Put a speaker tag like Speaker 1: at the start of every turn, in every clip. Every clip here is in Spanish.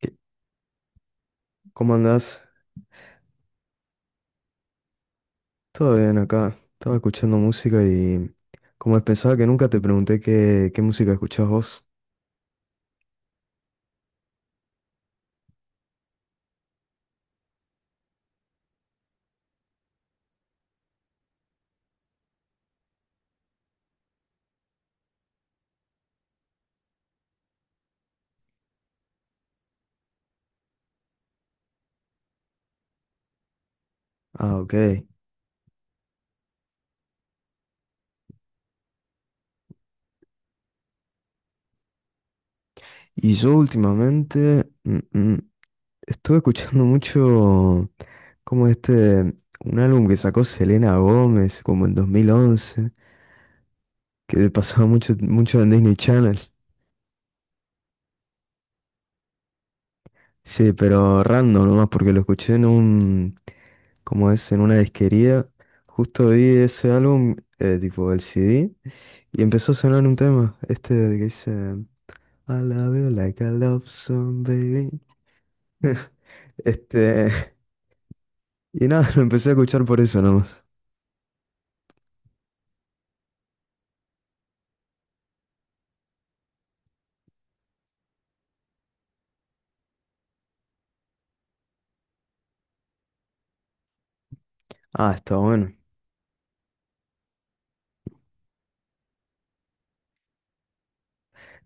Speaker 1: ¿Qué- ¿Cómo andás? Todo bien acá. Estaba escuchando música y como pensaba que nunca te pregunté qué música escuchás vos. Ah, ok. Y yo últimamente mm, estuve escuchando mucho como este, un álbum que sacó Selena Gómez como en 2011, que pasaba mucho, mucho en Disney Channel. Sí, pero random nomás porque lo escuché como es, en una disquería. Justo vi ese álbum, tipo el CD. Y empezó a sonar un tema, este de que dice: "I love you like a love song, baby." Este, y nada, lo empecé a escuchar por eso nomás. Ah, está bueno.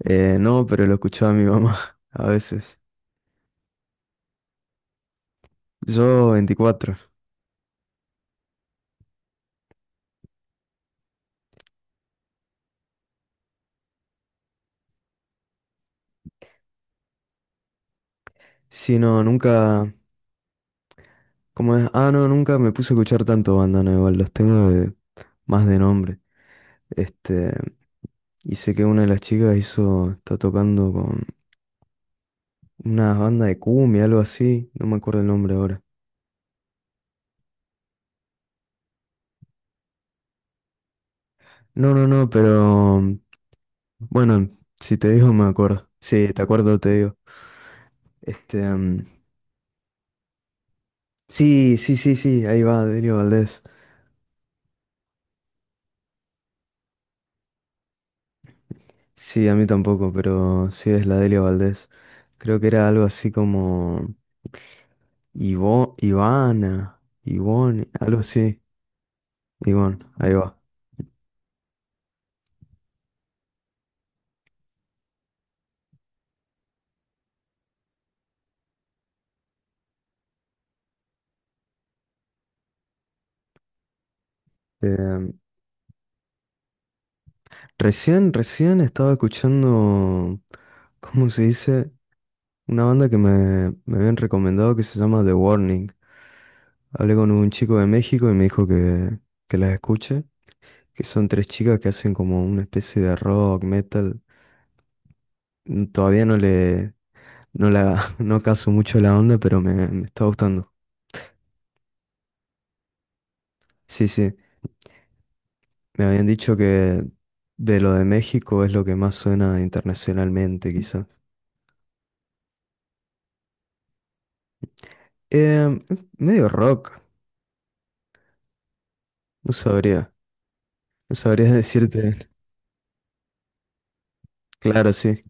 Speaker 1: No, pero lo escuchaba mi mamá a veces. Yo 24. Sí, no, nunca, ¿cómo es? Ah, no, nunca me puse a escuchar tanto bandana igual, los tengo más de nombre. Este, y sé que una de las chicas hizo, está tocando con una banda de cumbia, algo así, no me acuerdo el nombre ahora. No, no, no, pero bueno, si te digo me acuerdo. Sí, te acuerdo, te digo. Este, sí, sí, sí, sí, ahí va, Delio Valdés. Sí, a mí tampoco, pero sí es la Delio Valdés. Creo que era algo así como Ivo, Ivana, Ivone, algo así. Y bueno, ahí va. Eh, recién estaba escuchando, ¿cómo se dice? Una banda que me habían recomendado que se llama The Warning. Hablé con un chico de México y me dijo que las escuche, que son tres chicas que hacen como una especie de rock, metal. Todavía no le, no la, no caso mucho la onda, pero me está gustando. Sí, sí, me habían dicho que de lo de México es lo que más suena internacionalmente, quizás. Em, medio rock, no sabría, no sabría decirte. Claro, sí.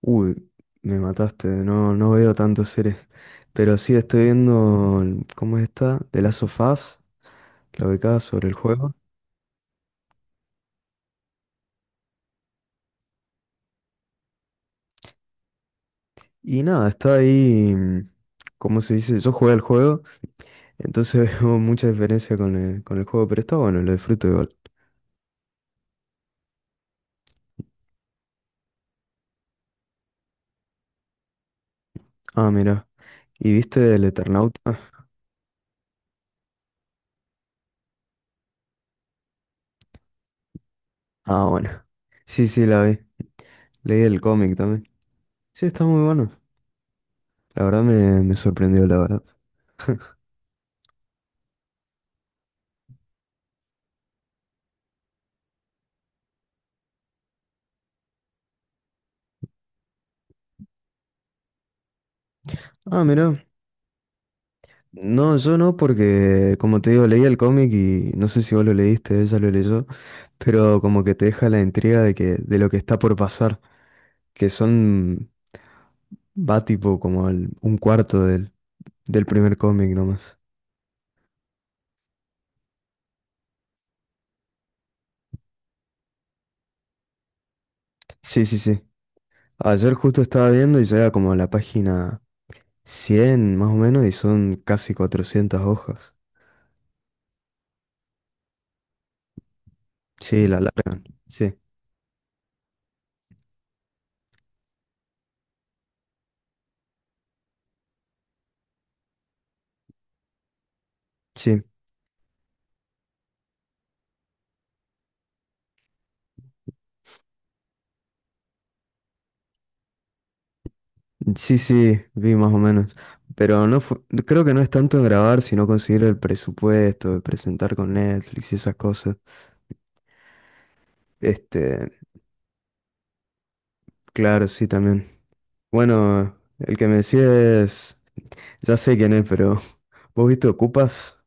Speaker 1: Uy, me mataste, no veo tantas series. Pero sí estoy viendo, ¿cómo está De las sofás la ubicada sobre el juego? Y nada, está ahí, ¿cómo se dice? Yo jugué al juego. Entonces veo mucha diferencia con el juego, pero está bueno, lo disfruto igual. Ah, mira. ¿Y viste el Eternauta? Ah, ah, bueno. Sí, sí, la vi. Leí el cómic también. Sí, está muy bueno. La verdad me sorprendió, la verdad. Ah, mira. No, yo no, porque como te digo, leí el cómic y no sé si vos lo leíste, ella lo leyó, pero como que te deja la intriga de lo que está por pasar, que son, va tipo como un cuarto del primer cómic nomás. Sí, sí, sí. Ayer justo estaba viendo y llega como a la página 100 más o menos y son casi 400 hojas. Sí, la larga. Sí, sí. Sí, sí, vi más o menos. Pero creo que no es tanto en grabar, sino conseguir el presupuesto, de presentar con Netflix y esas cosas. Este, claro, sí, también. Bueno, el que me decía es, ya sé quién es, pero ¿vos viste Ocupas?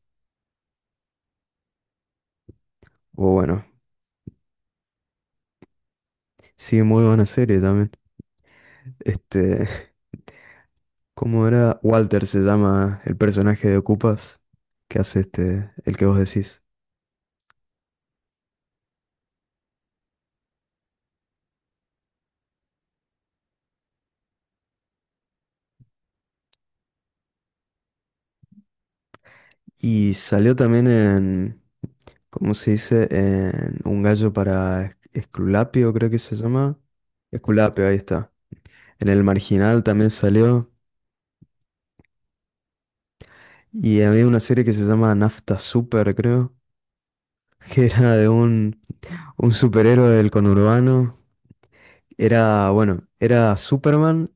Speaker 1: O bueno, sí, muy buena serie también. Este, ¿cómo era? Walter se llama el personaje de Ocupas, que hace este, el que vos decís. Y salió también en, ¿cómo se dice? En Un gallo para Esculapio, creo que se llama. Esculapio, ahí está. En El Marginal también salió. Y había una serie que se llama Nafta Super, creo, que era de un superhéroe del conurbano. Era, bueno, era Superman,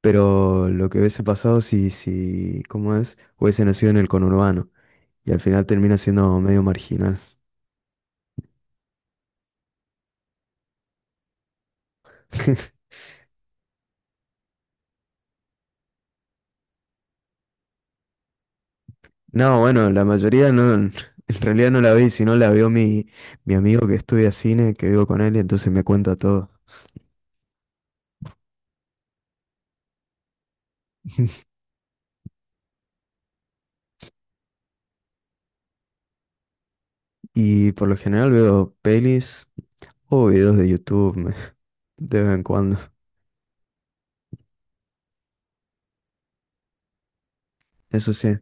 Speaker 1: pero lo que hubiese pasado si, ¿cómo es? Hubiese nacido en el conurbano. Y al final termina siendo medio marginal. No, bueno, la mayoría no, en realidad no la vi, sino la vio mi amigo que estudia cine, que vivo con él, y entonces me cuenta todo. Y por lo general veo pelis o videos de YouTube de vez en cuando, eso sí.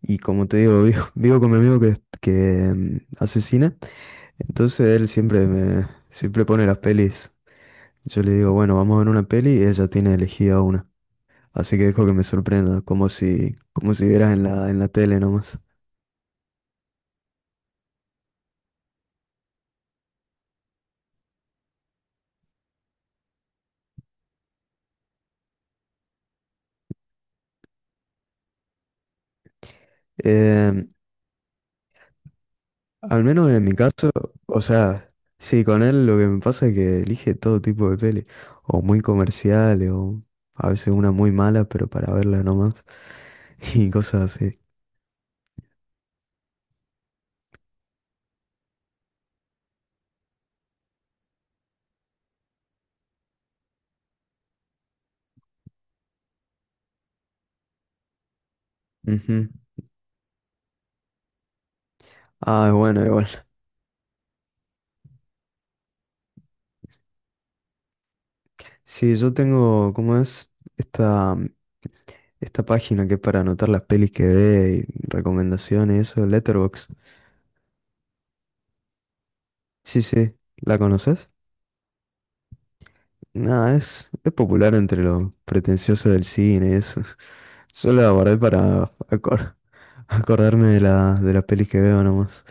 Speaker 1: Y como te digo, vivo, vivo con mi amigo que hace cine, entonces él siempre me siempre pone las pelis. Yo le digo, bueno, vamos a ver una peli y ella tiene elegida una. Así que dejo que me sorprenda, como si vieras en la tele nomás. Em, al menos en mi caso, o sea, sí, con él lo que me pasa es que elige todo tipo de peli, o muy comerciales, o a veces una muy mala, pero para verla nomás, y cosas así. Ujú. Ah, bueno, igual. Sí, yo tengo, ¿cómo es? Esta, esta página que es para anotar las pelis que ve y recomendaciones, eso, Letterboxd. Sí, sí, ¿la conoces? No, es popular entre los pretenciosos del cine, eso. Yo la guardé para acordarme de las pelis que veo nomás.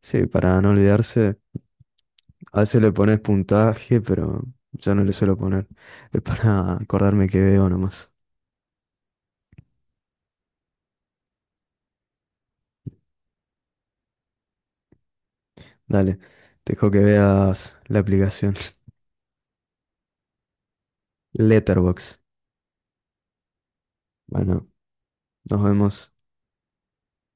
Speaker 1: Sí, para no olvidarse. A veces le pones puntaje, pero yo no le suelo poner. Es para acordarme que veo nomás. Dale, te dejo que veas la aplicación. Letterbox. Bueno, nos vemos.